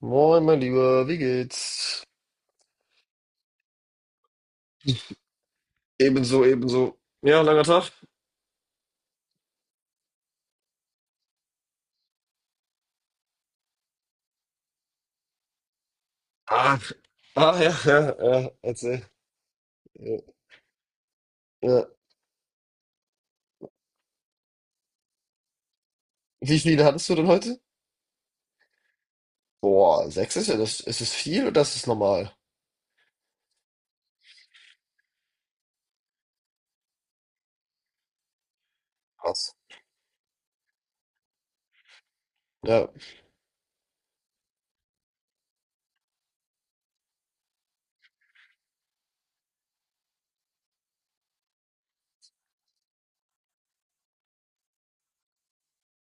Moin, mein Lieber, wie geht's? Ebenso, ebenso. Ja, langer Tag. Ah, ah, ja, ja, ja, erzähl. Ja. Ja. Wie viele hattest du denn heute? Boah, sechs ist ja das. Ist es viel oder ist es normal? Krass. Ja,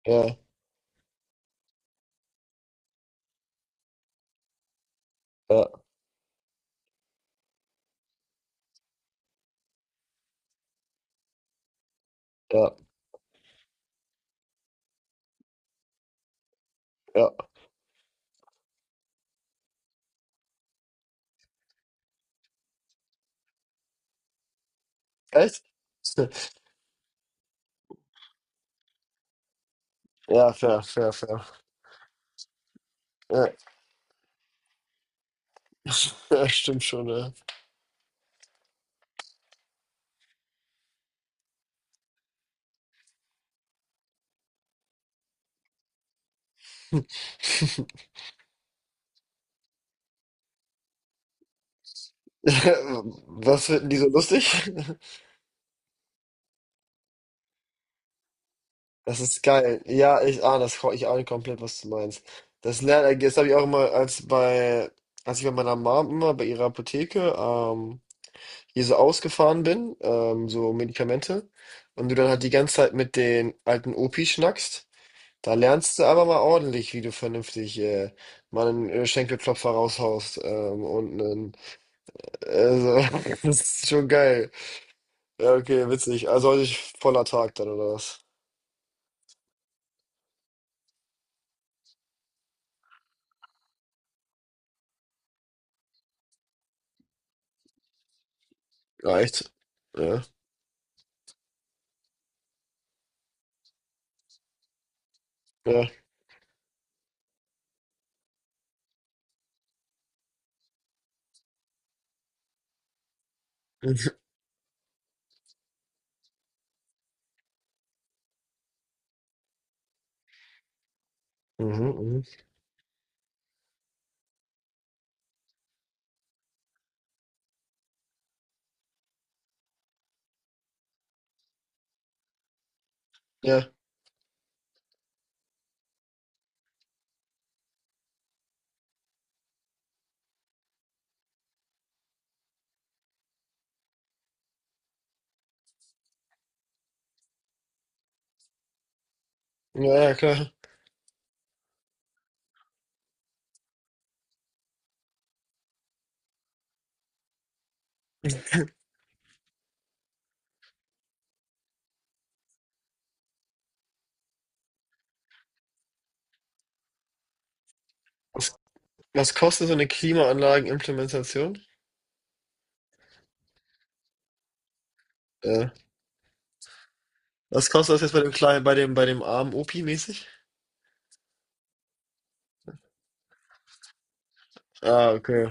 ja, ja, ja, ja. Echt? Ja, fair, fair, fair. Ja, ja stimmt schon, ja. Was finden die so lustig? Das ist geil. Ja, ich ahne das, ich ahne komplett, was du meinst. Das lerne, das habe ich auch immer, als bei, als ich bei meiner Mom immer bei ihrer Apotheke hier so ausgefahren bin, so Medikamente, und du dann halt die ganze Zeit mit den alten Opis schnackst, da lernst du aber mal ordentlich, wie du vernünftig mal einen Schenkelklopfer raushaust und einen, also, das ist schon geil. Ja, okay, witzig. Also heute ist voller Tag dann, oder was? Reicht. Ja. Ja. Mhm, mhm. Ja, ja, ja, klar. Was, was kostet so eine Klimaanlagenimplementation? Ja. Was kostet das jetzt bei dem kleinen, bei dem armen Opi mäßig? Ah, okay.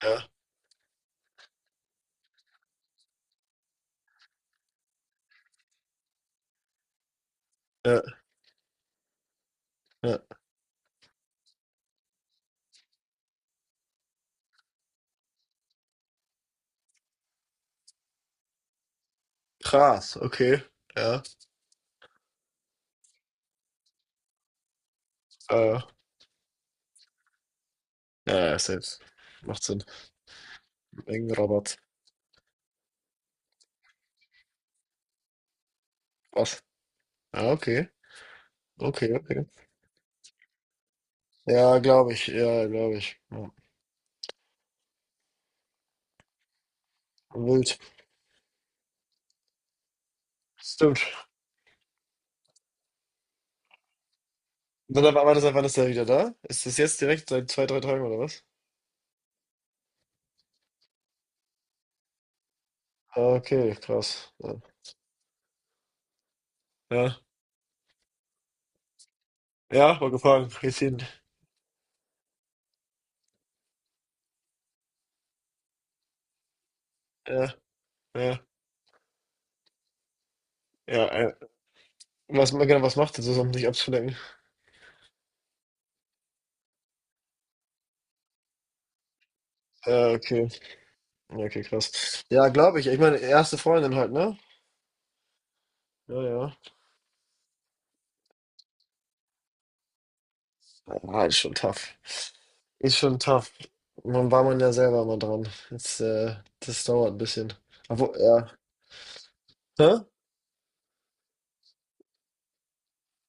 Ja, ja, ja. Krass, okay. Ja. Äh, ja, ja, selbst. Macht Sinn. Irgendein Rabatt. Was? Ja, okay. Okay, okay. Ja, glaube ich. Ja, glaube ich. Ja. Wild. Stimmt. Wann ist er wieder da? Ist das jetzt direkt seit zwei, drei Tagen oder was? Ah, okay, krass. Ja. Ja, ja, war gefragt. Jetzt hin. Ja, ja, ja, was genau, was macht ihr so, um dich abzulenken? Ja, okay. Ja, okay, krass. Ja, glaube ich. Ich meine, erste Freundin halt, ne? Ja, ja. Ah, ist schon tough. Ist schon tough. Man war man ja selber mal dran. Jetzt, das dauert ein bisschen. Obwohl, ja. Hä?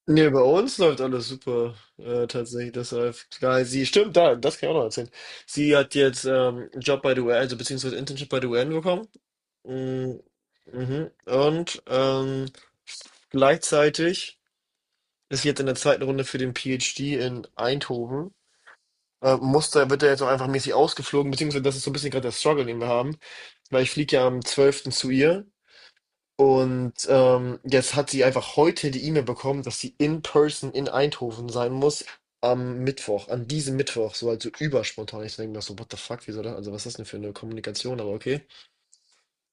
Nee, bei uns läuft alles super, tatsächlich. Das läuft geil. Sie, stimmt, da, das kann ich auch noch erzählen. Sie hat jetzt einen Job bei der UN, also beziehungsweise Internship bei der UN bekommen. Mm, mhm. Und gleichzeitig ist jetzt in der zweiten Runde für den PhD in Eindhoven, muss da, wird er jetzt auch einfach mäßig ausgeflogen, beziehungsweise das ist so ein bisschen gerade der Struggle, den wir haben, weil ich fliege ja am 12. zu ihr und jetzt hat sie einfach heute die E-Mail bekommen, dass sie in person in Eindhoven sein muss am Mittwoch, an diesem Mittwoch, so halt so überspontan. Ich denke mir so, what the fuck, wieso das? Also was ist das denn für eine Kommunikation, aber okay.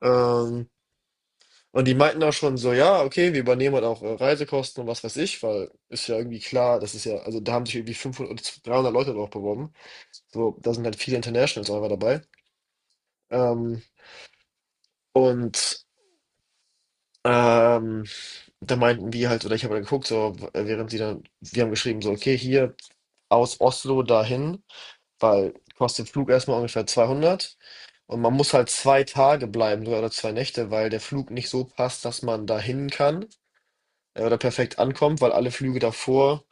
Ähm, und die meinten auch schon so, ja, okay, wir übernehmen halt auch Reisekosten und was weiß ich, weil ist ja irgendwie klar, das ist ja, also da haben sich irgendwie 500, oder 300 Leute drauf beworben. So, da sind halt viele Internationals auch einfach dabei. Ähm, und ähm, da meinten wir halt, oder ich habe dann geguckt, so, während sie dann, wir haben geschrieben, so, okay, hier aus Oslo dahin, weil kostet Flug erstmal ungefähr 200. Und man muss halt 2 Tage bleiben, sogar oder 2 Nächte, weil der Flug nicht so passt, dass man dahin kann, oder perfekt ankommt, weil alle Flüge davor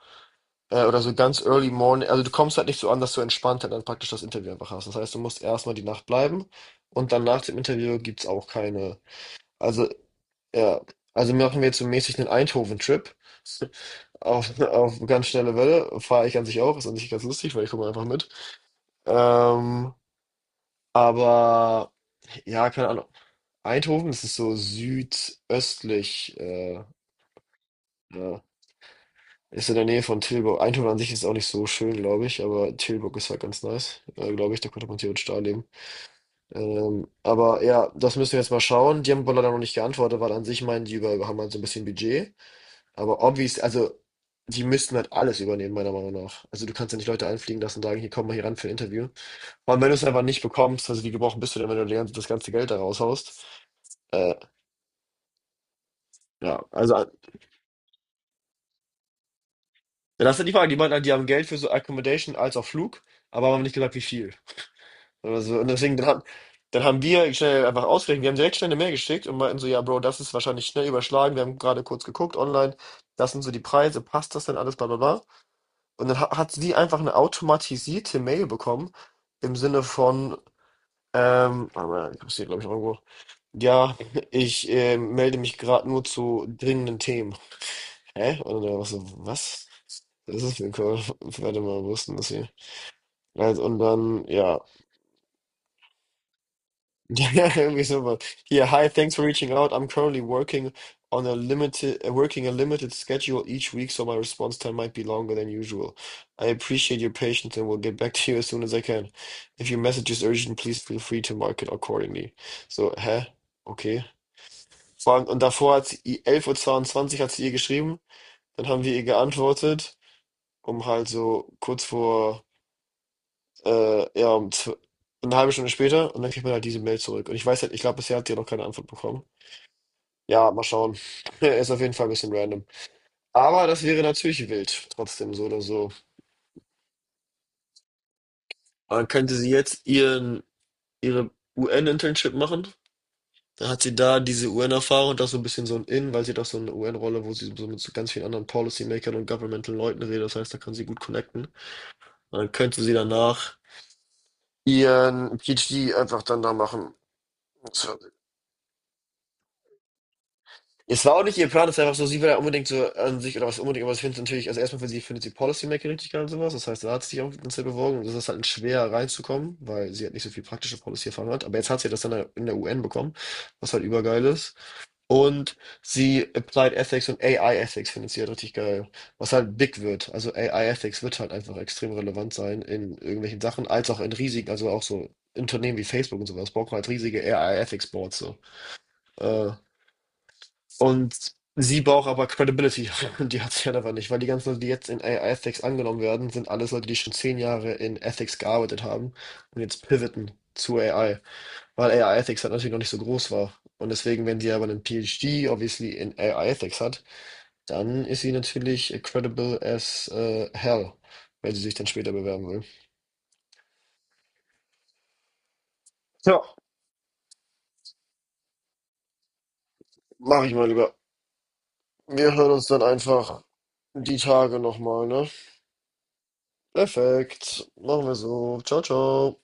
oder so ganz early morning, also du kommst halt nicht so an, dass du entspannt halt dann praktisch das Interview einfach hast. Das heißt, du musst erstmal die Nacht bleiben und dann nach dem Interview gibt's auch keine, also ja, also machen wir jetzt so mäßig einen Eindhoven-Trip auf ganz schnelle Welle, fahre ich an sich auch, ist an sich ganz lustig, weil ich komme einfach mit. Ähm, aber ja, keine Ahnung. Eindhoven, das ist so südöstlich, ja. Ist in der Nähe von Tilburg. Eindhoven an sich ist auch nicht so schön, glaube ich, aber Tilburg ist halt ganz nice, glaube ich. Da könnte man theoretisch da leben. Aber ja, das müssen wir jetzt mal schauen. Die haben wohl leider noch nicht geantwortet, weil an sich meinen die über, haben halt so ein bisschen Budget. Aber obvious, also die müssten halt alles übernehmen, meiner Meinung nach. Also du kannst ja nicht Leute einfliegen lassen und sagen, hier komm mal hier ran für ein Interview. Vor allem, wenn du es einfach nicht bekommst, also wie gebrochen bist du denn, wenn du das ganze Geld da raushaust? Äh, ja, also das ist ja die Frage. Die meinten, halt, die haben Geld für so Accommodation als auch Flug, aber haben nicht gesagt, wie viel. Oder so. Und deswegen, dann haben wir schnell einfach ausgerechnet, wir haben direkt schnell eine Mail geschickt und meinten so, ja, Bro, das ist wahrscheinlich schnell überschlagen, wir haben gerade kurz geguckt online, das sind so die Preise, passt das denn alles, bla bla bla. Und dann hat sie einfach eine automatisierte Mail bekommen, im Sinne von, warte mal, ich hab's hier, glaube ich, noch irgendwo. Ja, ich melde mich gerade nur zu dringenden Themen. Hä? Und dann war so, was? Das ist für ein Call. Warte mal, wo ist denn das hier? Also, und dann, ja. Ja, irgendwie sowas. Hier, hi, thanks for reaching out. I'm currently working on a limited, working a limited schedule each week, so my response time might be longer than usual. I appreciate your patience and will get back to you as soon as I can. If your message is urgent, please feel free to mark it accordingly. So, hä? Okay. Vor allem- Und davor hat sie, 11:22 Uhr zweiundzwanzig hat sie ihr geschrieben, dann haben wir ihr geantwortet, um halt so kurz vor, ja, eine halbe Stunde später, und dann kriegt man halt diese Mail zurück. Und ich weiß halt, ich glaube, bisher hat sie ja noch keine Antwort bekommen. Ja, mal schauen. ist auf jeden Fall ein bisschen random. Aber das wäre natürlich wild, trotzdem so oder so. Dann könnte sie jetzt ihren, ihre UN-Internship machen. Dann hat sie da diese UN-Erfahrung und das so ein bisschen so ein In, weil sie doch so eine UN-Rolle, wo sie so mit so ganz vielen anderen Policymakern und Governmental-Leuten redet. Das heißt, da kann sie gut connecten. Und dann könnte sie danach ihren PhD einfach dann da machen. Es war auch nicht ihr Plan, es ist einfach so, sie will ja unbedingt so an sich oder was unbedingt, aber ich finde natürlich, also erstmal für sie findet sie Policymaking richtig geil und sowas. Das heißt, da hat sie sich auch ganz sehr beworben und es ist halt schwer reinzukommen, weil sie halt nicht so viel praktische Policy-Erfahrung hat. Aber jetzt hat sie das dann in der UN bekommen, was halt übergeil ist. Und sie Applied Ethics und AI Ethics findet sie halt richtig geil, was halt big wird. Also AI Ethics wird halt einfach extrem relevant sein in irgendwelchen Sachen, als auch in riesigen, also auch so Unternehmen wie Facebook und sowas, brauchen halt riesige AI Ethics Boards so. Äh, und sie braucht aber Credibility. Und die hat sie halt einfach nicht, weil die ganzen Leute, die jetzt in AI Ethics angenommen werden, sind alles Leute, die schon 10 Jahre in Ethics gearbeitet haben und jetzt pivoten zu AI, weil AI Ethics halt natürlich noch nicht so groß war. Und deswegen, wenn sie aber einen PhD obviously in AI Ethics hat, dann ist sie natürlich credible as hell, wenn sie sich dann später bewerben will. Ja, mach ich mal lieber. Wir hören uns dann einfach die Tage nochmal, ne? Perfekt. Machen wir so. Ciao, ciao.